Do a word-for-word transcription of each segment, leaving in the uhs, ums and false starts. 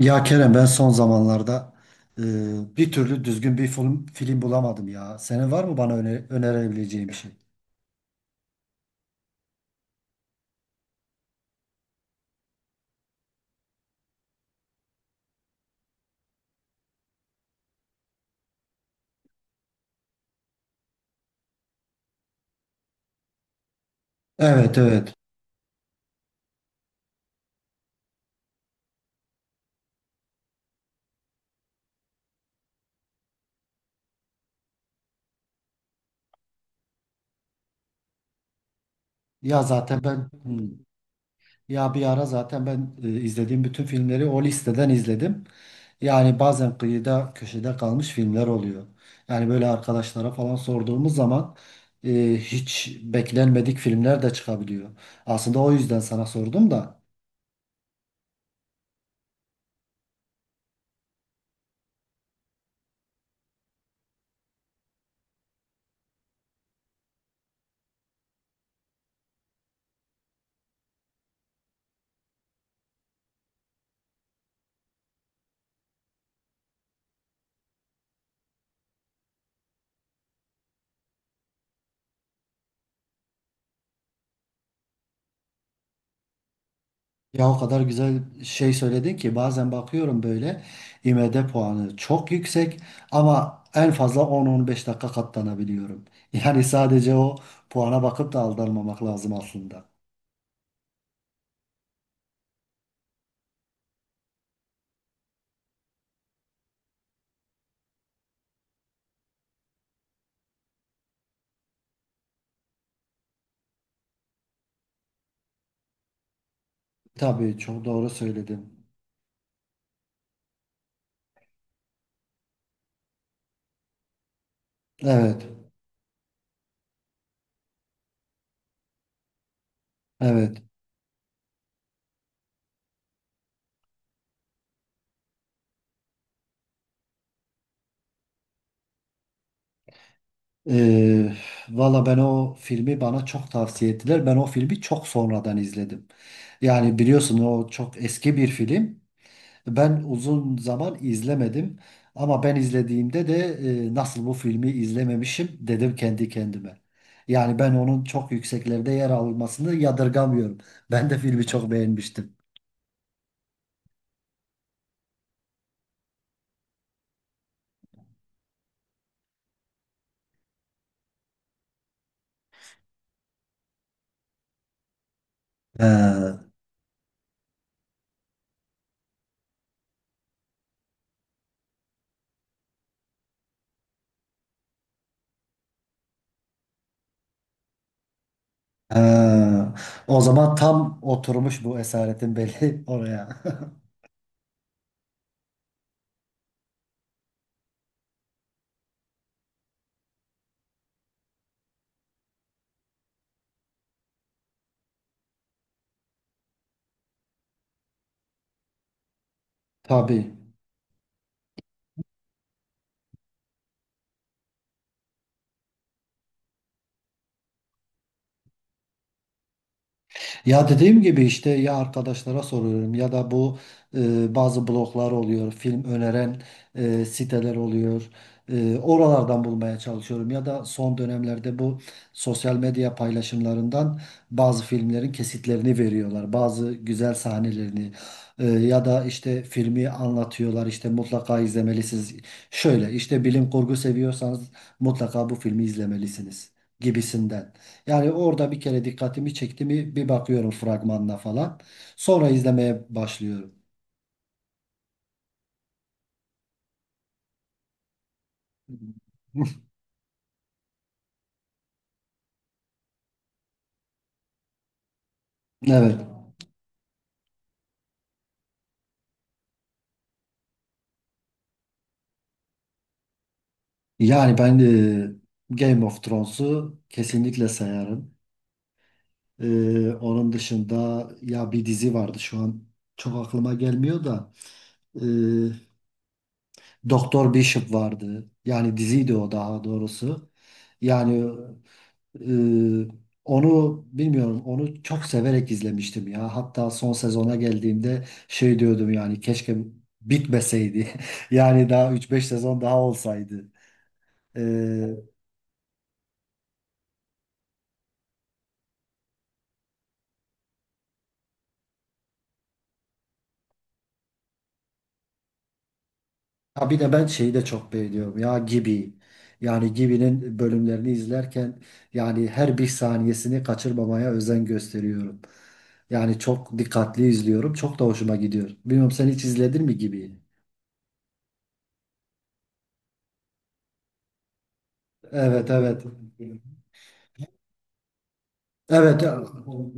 Ya Kerem, ben son zamanlarda e, bir türlü düzgün bir film, film bulamadım ya. Senin var mı bana öne- önerebileceğin bir şey? Evet, evet. Ya zaten ben hmm, ya bir ara zaten ben e, izlediğim bütün filmleri o listeden izledim. Yani bazen kıyıda köşede kalmış filmler oluyor. Yani böyle arkadaşlara falan sorduğumuz zaman e, hiç beklenmedik filmler de çıkabiliyor. Aslında o yüzden sana sordum da. Ya o kadar güzel şey söyledin ki, bazen bakıyorum böyle I M D puanı çok yüksek ama en fazla on on beş dakika katlanabiliyorum. Yani sadece o puana bakıp da aldanmamak lazım aslında. Tabii, çok doğru söyledin. Evet, evet. Ee, valla ben o filmi bana çok tavsiye ettiler. Ben o filmi çok sonradan izledim. Yani biliyorsun, o çok eski bir film. Ben uzun zaman izlemedim ama ben izlediğimde de e, nasıl bu filmi izlememişim dedim kendi kendime. Yani ben onun çok yükseklerde yer almasını yadırgamıyorum. Ben de filmi çok beğenmiştim. Ee, ee, o zaman tam oturmuş bu esaretin belli oraya. Tabii. Ya dediğim gibi işte, ya arkadaşlara soruyorum ya da bu e, bazı bloglar oluyor, film öneren e, siteler oluyor. E, oralardan bulmaya çalışıyorum ya da son dönemlerde bu sosyal medya paylaşımlarından bazı filmlerin kesitlerini veriyorlar, bazı güzel sahnelerini E, ya da işte filmi anlatıyorlar, işte mutlaka izlemelisiniz. Şöyle işte, bilim kurgu seviyorsanız mutlaka bu filmi izlemelisiniz gibisinden. Yani orada bir kere dikkatimi çekti mi, bir bakıyorum fragmanına falan. Sonra izlemeye başlıyorum. Evet. Yani ben e, Game of Thrones'u kesinlikle sayarım. E, onun dışında ya bir dizi vardı, şu an çok aklıma gelmiyor da e, Doktor Bishop vardı. Yani diziydi o, daha doğrusu. Yani Ee, onu bilmiyorum. Onu çok severek izlemiştim ya. Hatta son sezona geldiğimde şey diyordum, yani keşke bitmeseydi. Yani daha üç beş sezon daha olsaydı. Ee, ha bir de ben şeyi de çok beğeniyorum ya, Gibi. Yani Gibi'nin bölümlerini izlerken, yani her bir saniyesini kaçırmamaya özen gösteriyorum. Yani çok dikkatli izliyorum. Çok da hoşuma gidiyor. Bilmiyorum, sen hiç izledin mi Gibi'yi? Evet, evet. Evet,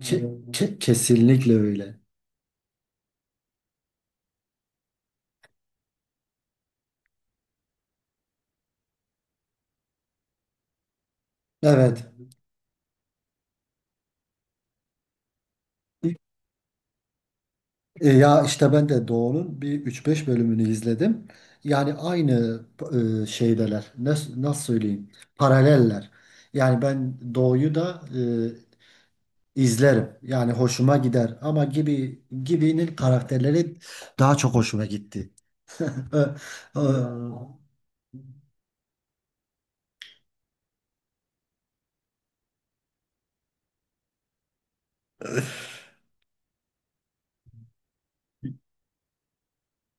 ke- ke- kesinlikle öyle. Evet. E, Ya işte ben de Doğu'nun bir üç beş bölümünü izledim. Yani aynı e, şeydeler. Nasıl, nasıl söyleyeyim? Paraleller. Yani ben Doğu'yu da e, izlerim. Yani hoşuma gider. Ama gibi gibinin karakterleri daha çok hoşuma gitti. E, e,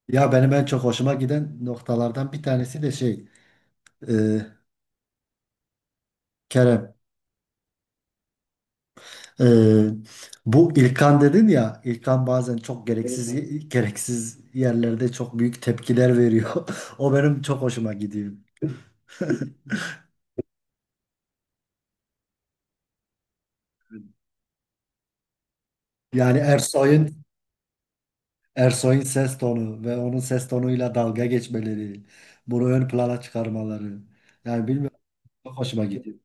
Ya benim en çok hoşuma giden noktalardan bir tanesi de şey, e, Kerem. Ee, Bu İlkan dedin ya, İlkan bazen çok, evet gereksiz abi, gereksiz yerlerde çok büyük tepkiler veriyor. O benim çok hoşuma gidiyor. Yani Ersoy'un Ersoy'un ses tonu ve onun ses tonuyla dalga geçmeleri, bunu ön plana çıkarmaları. Yani bilmiyorum, çok hoşuma gidiyor.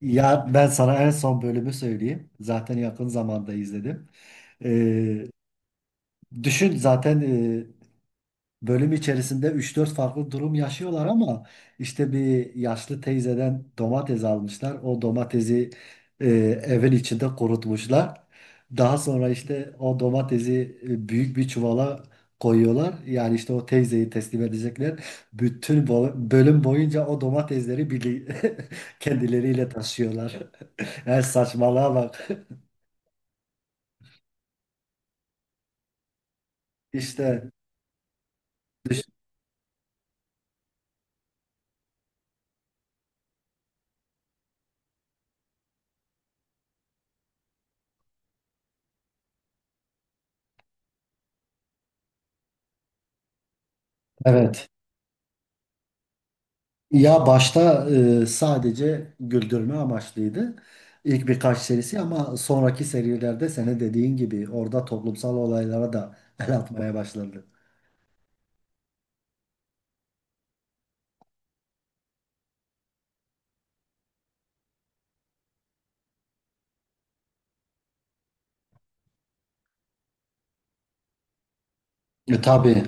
Ya ben sana en son bölümü söyleyeyim. Zaten yakın zamanda izledim. Ee, düşün zaten, e, bölüm içerisinde üç dört farklı durum yaşıyorlar ama işte bir yaşlı teyzeden domates almışlar. O domatesi e, evin içinde kurutmuşlar. Daha sonra işte o domatesi e, büyük bir çuvala koyuyorlar. Yani işte o teyzeyi teslim edecekler. Bütün bo- bölüm boyunca o domatesleri birli kendileriyle taşıyorlar. Yani saçmalığa bak. İşte düş- evet. Ya başta e, sadece güldürme amaçlıydı ilk birkaç serisi ama sonraki serilerde senin dediğin gibi orada toplumsal olaylara da el atmaya başladı. E, tabii.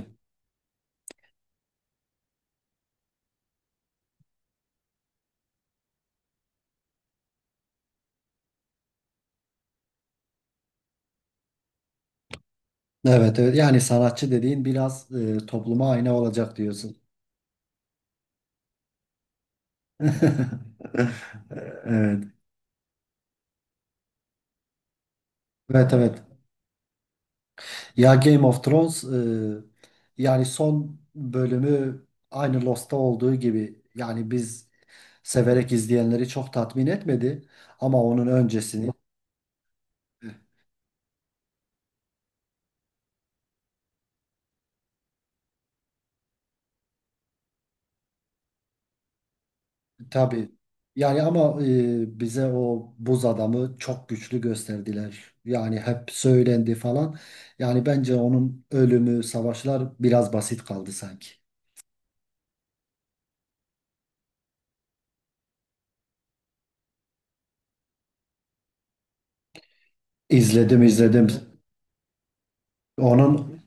Evet, evet. Yani sanatçı dediğin biraz, e, topluma ayna olacak diyorsun. Evet. Evet, evet. Ya Game of Thrones, e, yani son bölümü aynı Lost'ta olduğu gibi, yani biz severek izleyenleri çok tatmin etmedi ama onun öncesini tabii, yani ama e, bize o buz adamı çok güçlü gösterdiler. Yani hep söylendi falan. Yani bence onun ölümü, savaşlar biraz basit kaldı sanki. İzledim, izledim. Onun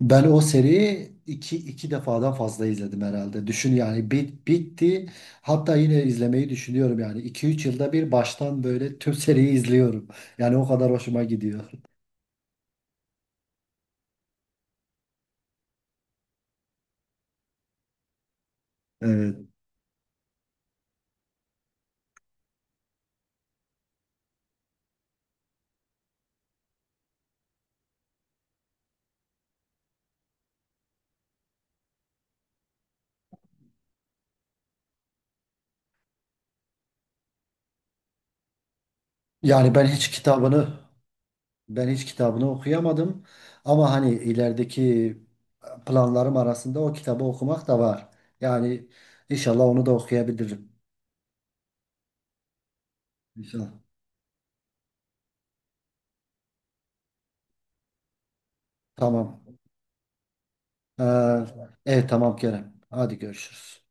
Ben o seriyi iki, iki defadan fazla izledim herhalde. Düşün yani, bit, bitti. Hatta yine izlemeyi düşünüyorum yani. iki üç yılda bir baştan böyle tüm seriyi izliyorum. Yani o kadar hoşuma gidiyor. Evet. Yani ben hiç kitabını ben hiç kitabını okuyamadım. Ama hani ilerideki planlarım arasında o kitabı okumak da var. Yani inşallah onu da okuyabilirim. İnşallah. Tamam. Ee, evet, tamam Kerem. Hadi görüşürüz.